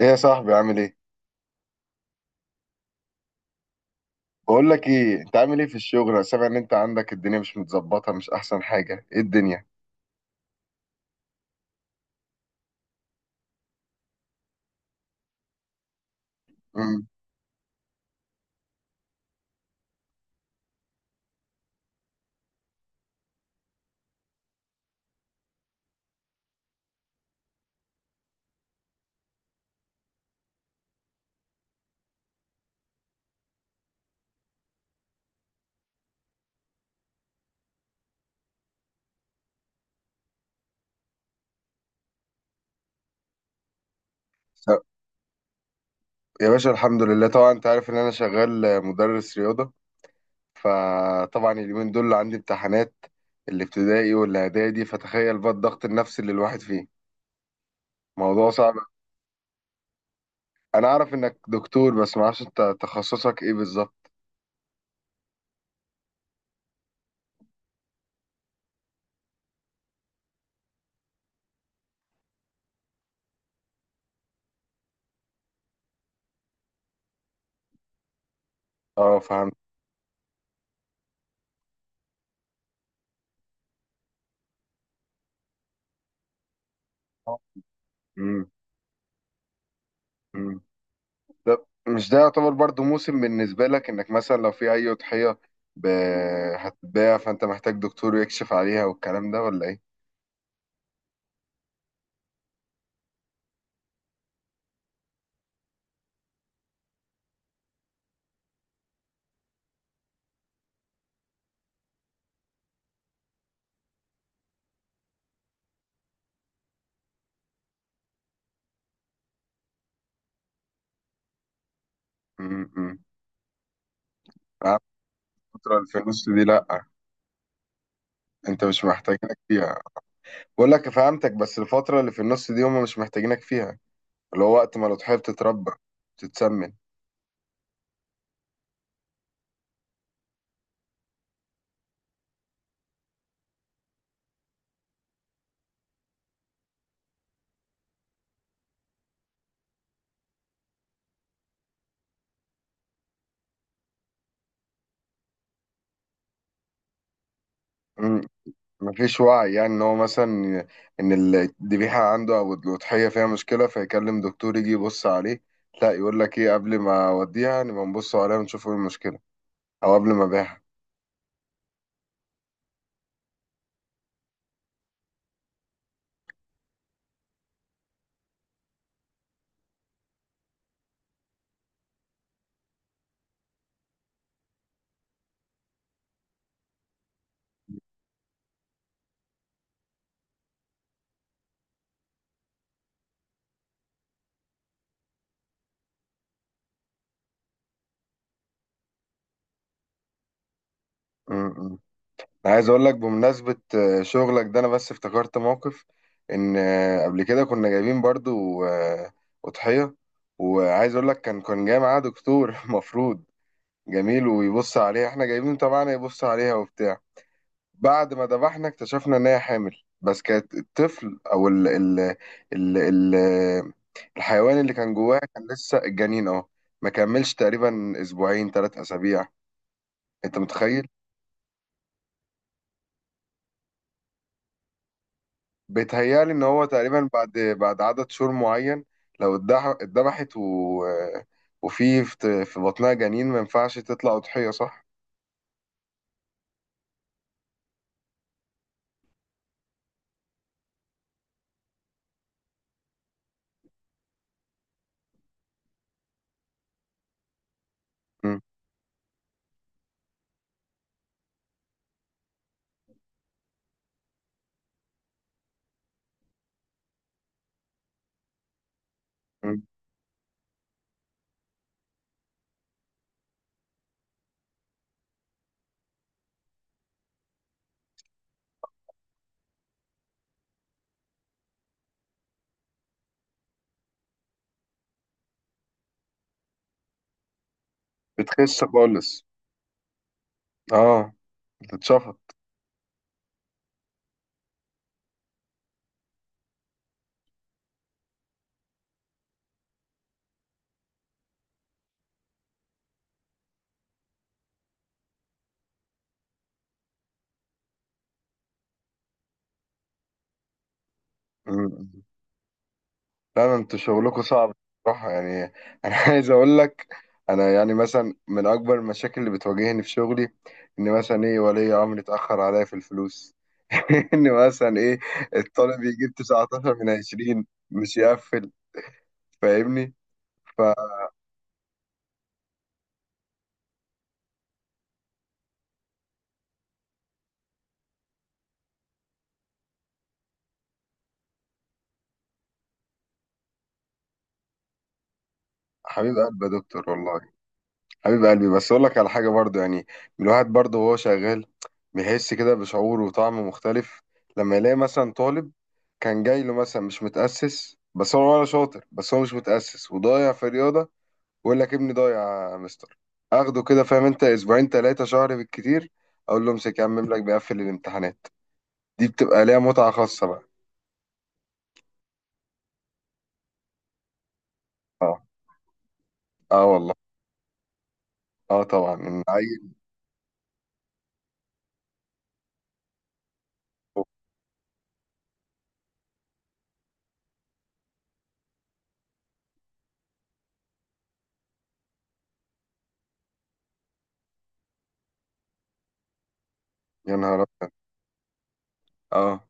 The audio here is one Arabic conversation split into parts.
ايه يا صاحبي عامل ايه؟ بقول لك ايه انت عامل ايه في الشغل؟ انا سامع ان انت عندك الدنيا مش متظبطه مش احسن حاجه، ايه الدنيا؟ امم يا باشا الحمد لله طبعا انت عارف ان انا شغال مدرس رياضه. فطبعا اليومين دول عندي امتحانات الابتدائي والاعدادي، فتخيل بقى الضغط النفسي اللي الواحد فيه، موضوع صعب. انا اعرف انك دكتور بس ما اعرفش انت تخصصك ايه بالظبط؟ اه فهمت. امم طب مش ده يعتبر برضو موسم بالنسبة لك انك مثلا لو في اي أضحية ب... هتتباع فانت محتاج دكتور يكشف عليها والكلام ده ولا ايه؟ امم الفترة اللي في النص دي لأ، انت مش محتاجينك فيها. بقول لك فهمتك بس الفترة اللي في النص دي هم مش محتاجينك فيها، اللي هو وقت ما الأضحية بتتربى، بتتسمن. مم. مفيش وعي يعني ان هو مثلا ان الذبيحة عنده او الأضحية فيها مشكلة فيكلم دكتور يجي يبص عليه. لا يقول لك ايه، قبل ما اوديها نبقى نبص عليها ونشوف ايه المشكلة، او قبل ما ابيعها. امم أنا عايز اقول لك بمناسبة شغلك ده انا بس افتكرت موقف. ان قبل كده كنا جايبين برضو أضحية، وعايز اقول لك كان جاي معاه دكتور مفروض جميل ويبص عليها، احنا جايبين طبعا يبص عليها وبتاع. بعد ما ذبحنا اكتشفنا ان هي حامل، بس كانت الطفل او ال الحيوان اللي كان جواها كان لسه الجنين. اه ما كملش تقريبا اسبوعين ثلاث اسابيع، انت متخيل؟ بيتهيألي إن هو تقريبا بعد بعد عدد شهور معين، لو اتذبحت وفي في بطنها جنين، ما ينفعش تطلع أضحية صح؟ مم. مم. بتخس خالص، اه، بتتشفط. مم. لا ده انتوا شغلكوا صعب بصراحة يعني. أنا عايز أقول لك، أنا يعني مثلا من أكبر المشاكل اللي بتواجهني في شغلي إن مثلا إيه ولي أمر اتأخر عليا في الفلوس. إن مثلا إيه الطالب يجيب 19 من 20 مش يقفل، فاهمني؟ حبيب قلبي يا دكتور والله. حبيب قلبي بس اقول لك على حاجه برضو يعني، الواحد برضو وهو شغال بيحس كده بشعور وطعم مختلف لما يلاقي مثلا طالب كان جاي له مثلا مش متاسس، بس هو ولا شاطر بس هو مش متاسس وضايع في رياضه، ويقول لك ابني ضايع يا مستر. اخده كده، فاهم انت، اسبوعين ثلاثه شهر بالكتير، اقول له امسك يا عم املك بيقفل الامتحانات. دي بتبقى ليها متعه خاصه بقى. اه، اه والله. اه طبعا إن عيل. يا نهار ابيض. اه،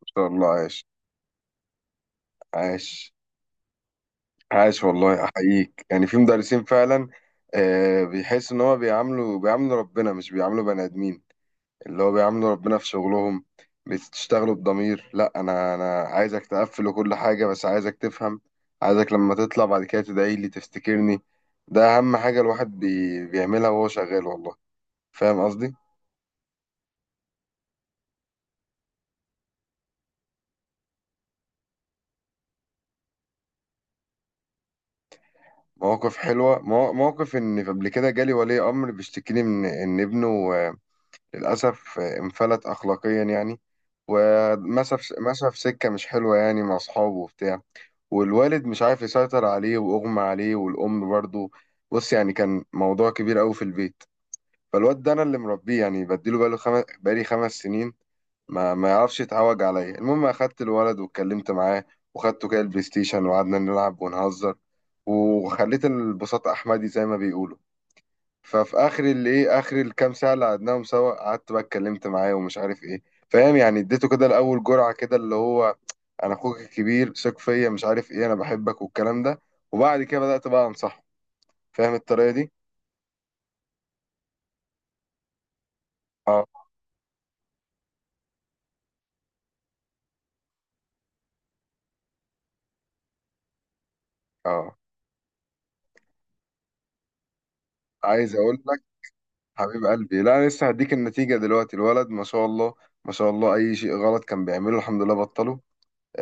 ما شاء الله. عايش، عاش، عاش والله، احييك. يعني في مدرسين فعلا بيحس ان هو بيعاملوا ربنا، مش بيعاملوا بني ادمين، اللي هو بيعاملوا ربنا في شغلهم. بتشتغلوا بضمير، لا انا عايزك تقفل كل حاجه بس عايزك تفهم، عايزك لما تطلع بعد كده تدعي لي تفتكرني. ده اهم حاجه الواحد بيعملها وهو شغال والله، فاهم قصدي؟ مواقف حلوه، موقف ان قبل كده جالي ولي امر بيشتكيني من ان ابنه آه، للأسف انفلت أخلاقيا يعني، ومشى في سكة مش حلوة يعني مع أصحابه وبتاع. والوالد مش عارف يسيطر عليه وأغمى عليه، والأم برضه. بص يعني كان موضوع كبير أوي في البيت. فالواد ده أنا اللي مربيه يعني، بديله بقالي خمس سنين، ما يعرفش يتعوج عليا. المهم أخدت الولد واتكلمت معاه، وخدته كده البلاي ستيشن وقعدنا نلعب ونهزر، وخليت البساط أحمدي زي ما بيقولوا. ففي اخر اللي ايه اخر الكام ساعه اللي قعدناهم سوا، قعدت بقى اتكلمت معاه ومش عارف ايه، فاهم يعني؟ اديته كده الاول جرعه كده اللي هو انا اخوك الكبير ثق فيا مش عارف ايه انا بحبك والكلام ده، وبعد كده بدات بقى انصحه، فاهم الطريقه دي؟ اه، اه. عايز اقول لك، حبيب قلبي، لا انا لسه هديك النتيجه دلوقتي. الولد ما شاء الله ما شاء الله اي شيء غلط كان بيعمله الحمد لله بطله.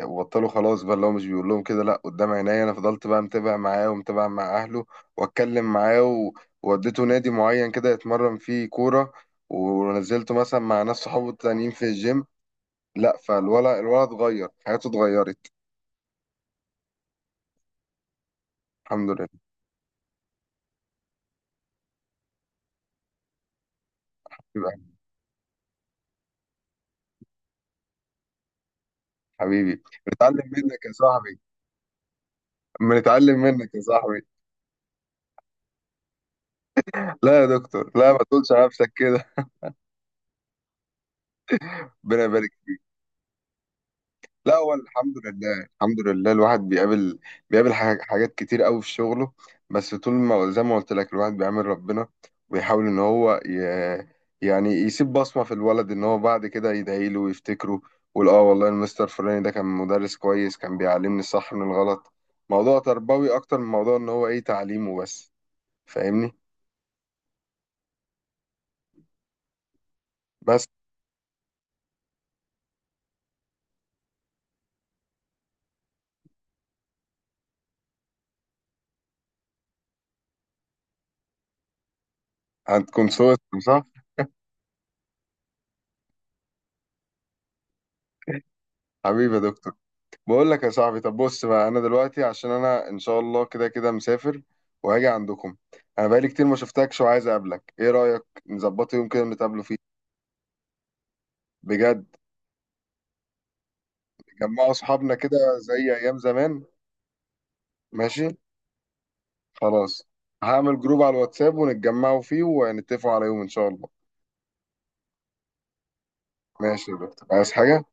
وبطلوا خلاص بقى، اللي هو مش بيقول لهم كده، لا قدام عينيا انا فضلت بقى متابع معاه ومتابع مع اهله، واتكلم معاه ووديته نادي معين كده يتمرن فيه كوره، ونزلته مثلا مع ناس صحابه التانيين في الجيم. لا الولد اتغير، حياته اتغيرت، الحمد لله. يبقى، حبيبي بنتعلم منك يا صاحبي، بنتعلم منك يا صاحبي. لا يا دكتور، لا ما تقولش على نفسك كده. ربنا يبارك. لا هو الحمد لله، الحمد لله. الواحد بيقابل حاجات كتير قوي في شغله، بس طول ما زي ما قلت لك الواحد بيعمل ربنا، ويحاول ان هو يعني يسيب بصمة في الولد ان هو بعد كده يدعي له ويفتكره، ويقول اه والله المستر فلاني ده كان مدرس كويس كان بيعلمني الصح من الغلط. موضوع تربوي اكتر من موضوع ان هو ايه تعليمه بس، فاهمني؟ بس هتكون صوت. صح. حبيبي يا دكتور. بقول لك يا صاحبي، طب بص بقى، انا دلوقتي عشان انا ان شاء الله كده كده مسافر وهاجي عندكم. انا بقالي كتير ما شفتكش وعايز اقابلك، ايه رايك نظبطه يوم كده نتقابلوا فيه؟ بجد جمعوا اصحابنا كده زي ايام زمان. ماشي، خلاص، هعمل جروب على الواتساب ونتجمعوا فيه ونتفقوا على يوم ان شاء الله. ماشي يا دكتور، عايز حاجه؟